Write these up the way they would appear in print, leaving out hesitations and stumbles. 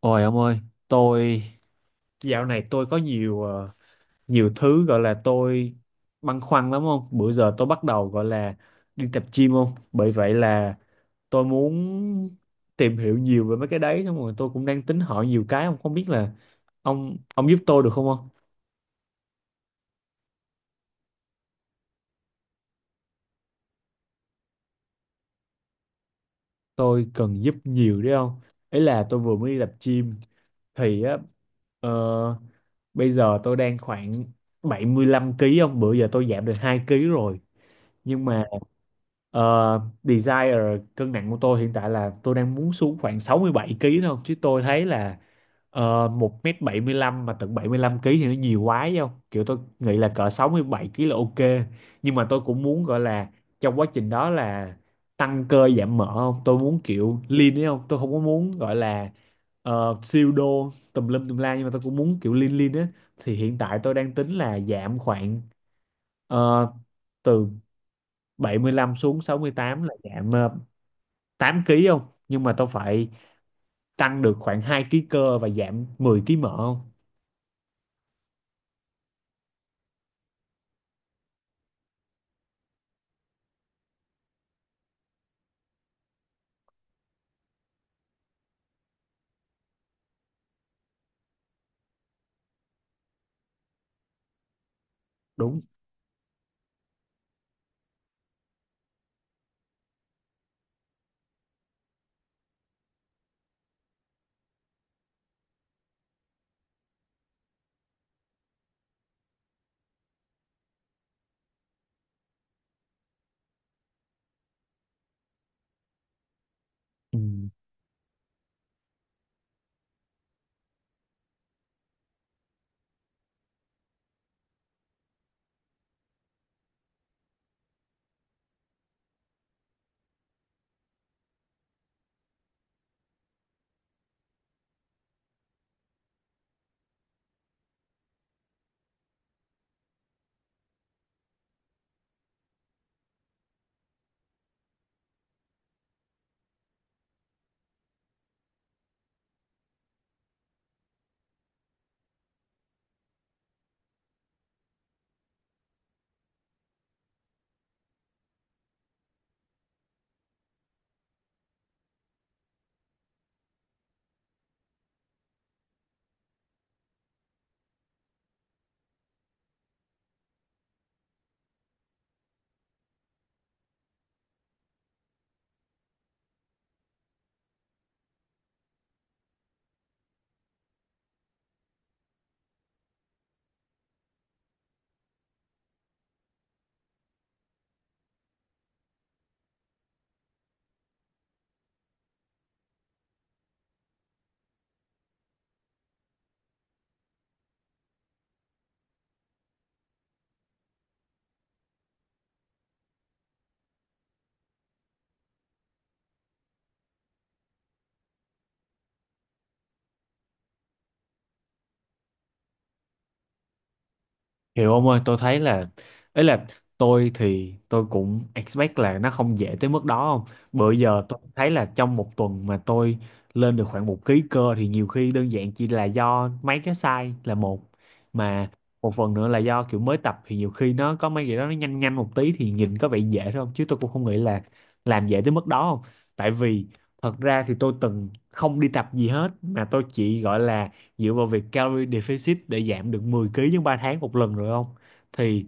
Ôi ông ơi, tôi dạo này tôi có nhiều nhiều thứ gọi là tôi băn khoăn lắm không? Bữa giờ tôi bắt đầu gọi là đi tập gym không? Bởi vậy là tôi muốn tìm hiểu nhiều về mấy cái đấy, xong rồi tôi cũng đang tính hỏi nhiều cái, không không biết là ông giúp tôi được không không? Tôi cần giúp nhiều đấy không? Ý là tôi vừa mới đi tập gym thì á, ờ, bây giờ tôi đang khoảng 75 ký không? Bữa giờ tôi giảm được 2 ký rồi, nhưng mà desire cân nặng của tôi hiện tại là tôi đang muốn xuống khoảng 67 kg thôi, chứ tôi thấy là một mét 75 mà tận bảy mươi lăm ký thì nó nhiều quá, chứ không kiểu tôi nghĩ là cỡ 67 ký là ok. Nhưng mà tôi cũng muốn gọi là trong quá trình đó là tăng cơ giảm mỡ không, tôi muốn kiểu lean ấy không, tôi không có muốn gọi là siêu đô tùm lum tùm la, nhưng mà tôi cũng muốn kiểu lean lean á. Thì hiện tại tôi đang tính là giảm khoảng ờ, từ 75 xuống sáu mươi tám là giảm 8 kg không? Nhưng mà tôi phải tăng được khoảng 2 ký cơ và giảm 10 ký mỡ không? Đúng. Ừ. Hiểu ông ơi, tôi thấy là ấy là tôi thì tôi cũng expect là nó không dễ tới mức đó không. Bữa giờ tôi thấy là trong một tuần mà tôi lên được khoảng một ký cơ thì nhiều khi đơn giản chỉ là do mấy cái sai là một, mà một phần nữa là do kiểu mới tập thì nhiều khi nó có mấy cái đó nó nhanh nhanh một tí thì nhìn có vẻ dễ thôi không, chứ tôi cũng không nghĩ là làm dễ tới mức đó không. Tại vì thật ra thì tôi từng không đi tập gì hết mà tôi chỉ gọi là dựa vào việc calorie deficit để giảm được 10 ký trong 3 tháng một lần rồi không? Thì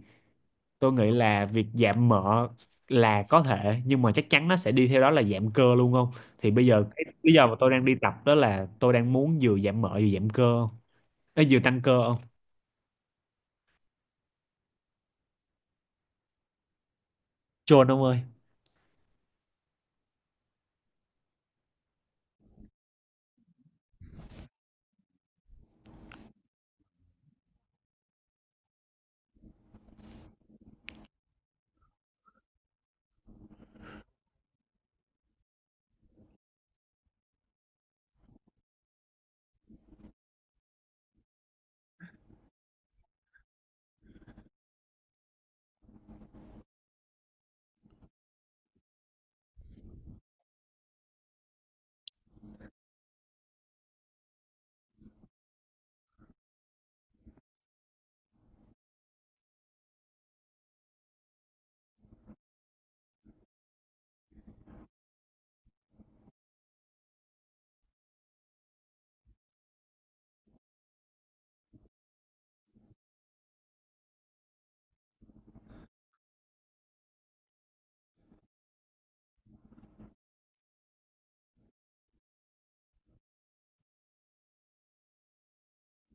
tôi nghĩ là việc giảm mỡ là có thể, nhưng mà chắc chắn nó sẽ đi theo đó là giảm cơ luôn không? Thì bây giờ cái lý do mà tôi đang đi tập đó là tôi đang muốn vừa giảm mỡ vừa giảm cơ không? Ê, vừa tăng cơ không? Chôn ông ơi.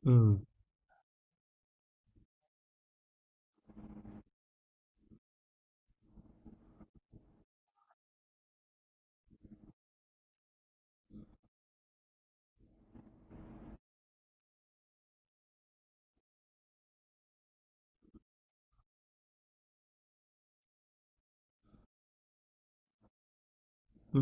Ừ, ừ,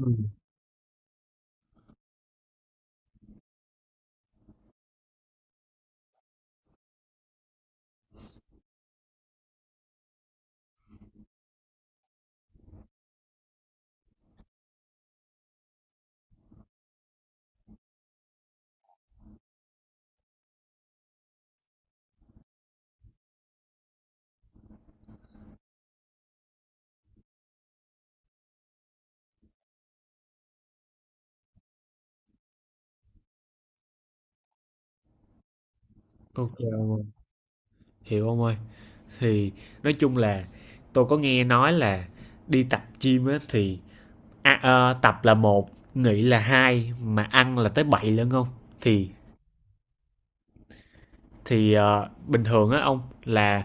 ok ông ơi. Hiểu ông ơi. Thì nói chung là tôi có nghe nói là đi tập gym á thì tập là một, nghỉ là hai, mà ăn là tới bảy lận không? Thì thì bình thường á ông là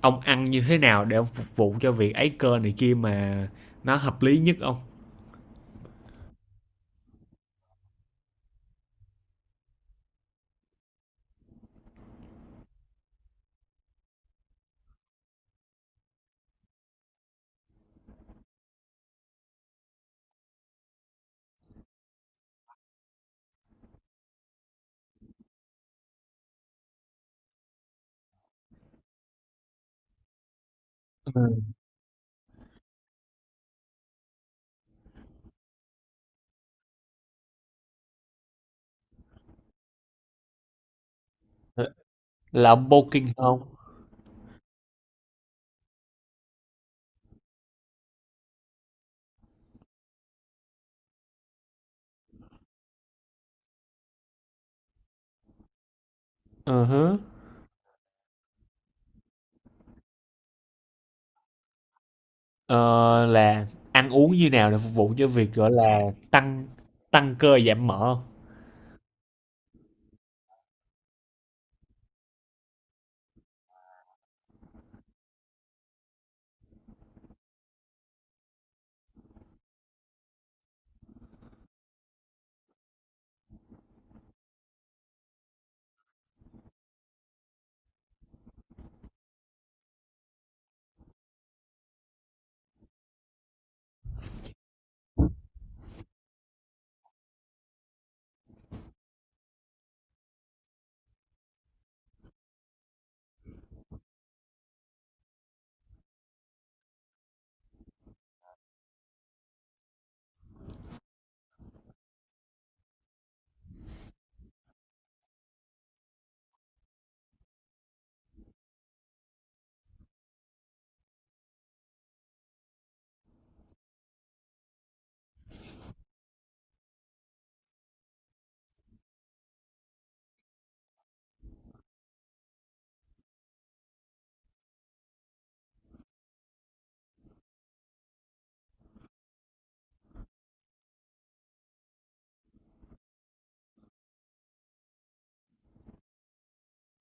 ông ăn như thế nào để ông phục vụ cho việc ấy cơ này kia mà nó hợp lý nhất ông. Ừ, là ông bulking không. Ờ hứ. Ờ, là ăn uống như nào để phục vụ cho việc gọi là tăng tăng cơ giảm mỡ không?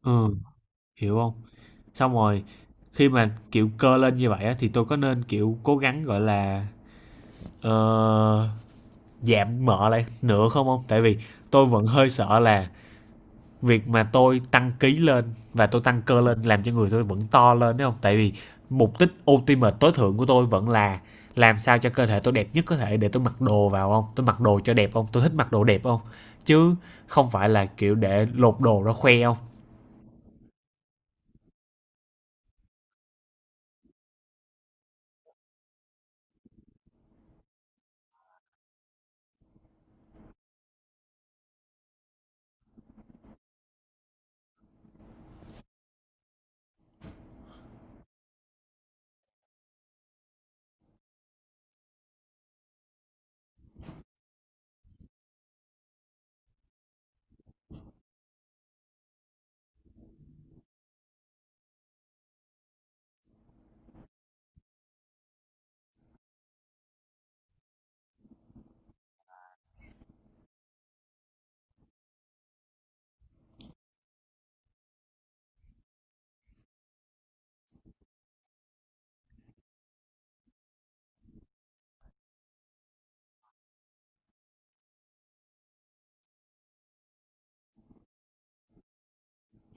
Ừ, hiểu không. Xong rồi khi mà kiểu cơ lên như vậy á, thì tôi có nên kiểu cố gắng gọi là ờ, giảm mỡ lại nữa không không, tại vì tôi vẫn hơi sợ là việc mà tôi tăng ký lên và tôi tăng cơ lên làm cho người tôi vẫn to lên đúng không, tại vì mục đích ultimate tối thượng của tôi vẫn là làm sao cho cơ thể tôi đẹp nhất có thể để tôi mặc đồ vào không, tôi mặc đồ cho đẹp không, tôi thích mặc đồ đẹp không, chứ không phải là kiểu để lột đồ ra khoe không.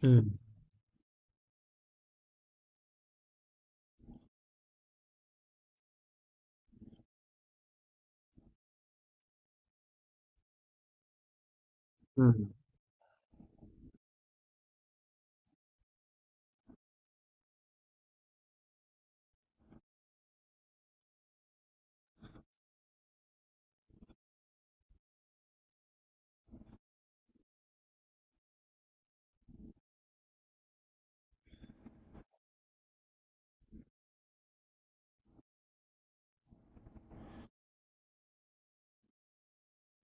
Ừ, ừ,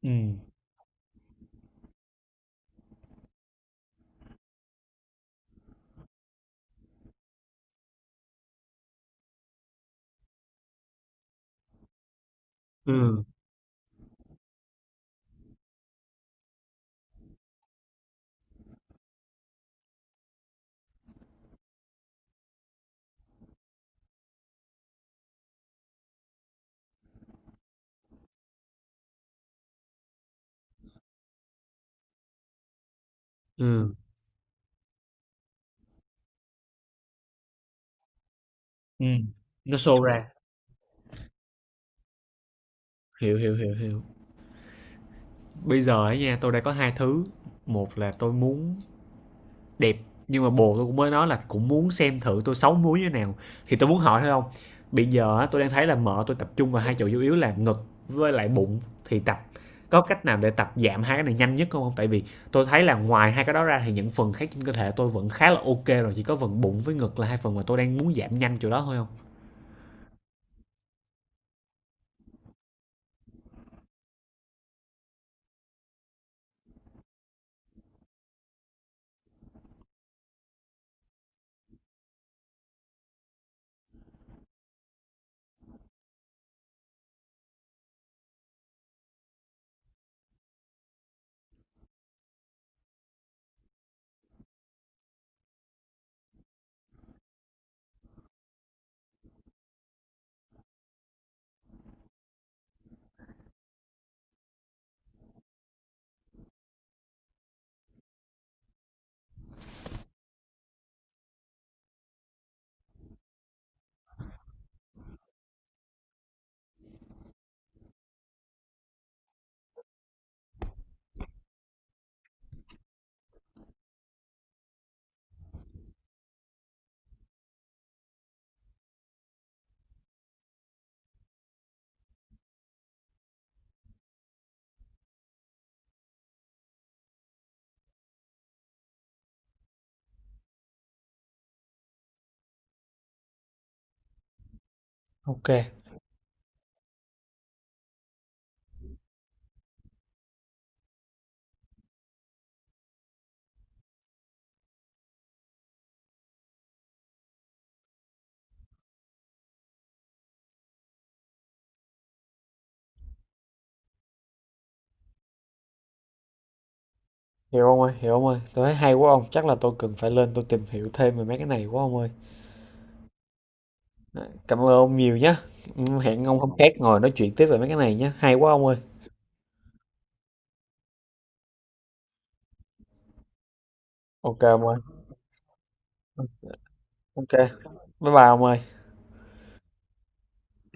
ừ, ừ, ừ, ừ, nó show ra. Hiểu hiểu hiểu hiểu Bây giờ ấy nha, tôi đã có hai thứ. Một là tôi muốn đẹp, nhưng mà bồ tôi cũng mới nói là cũng muốn xem thử tôi xấu múi như thế nào, thì tôi muốn hỏi thôi không. Bây giờ tôi đang thấy là mỡ tôi tập trung vào hai chỗ chủ yếu là ngực với lại bụng, thì có cách nào để tập giảm hai cái này nhanh nhất không không, tại vì tôi thấy là ngoài hai cái đó ra thì những phần khác trên cơ thể tôi vẫn khá là ok rồi, chỉ có phần bụng với ngực là hai phần mà tôi đang muốn giảm nhanh chỗ đó thôi không. Ok, hiểu ông ơi, hiểu ông ơi. Tôi thấy hay quá ông, chắc là tôi cần phải lên tôi tìm hiểu thêm về mấy cái này quá ông ơi. Cảm ơn ông nhiều nhé. Hẹn ông hôm khác ngồi nói chuyện tiếp về mấy cái này nhé. Hay quá ông ơi. Ok ông ơi. Ừ, ok. Bye bye ông ơi.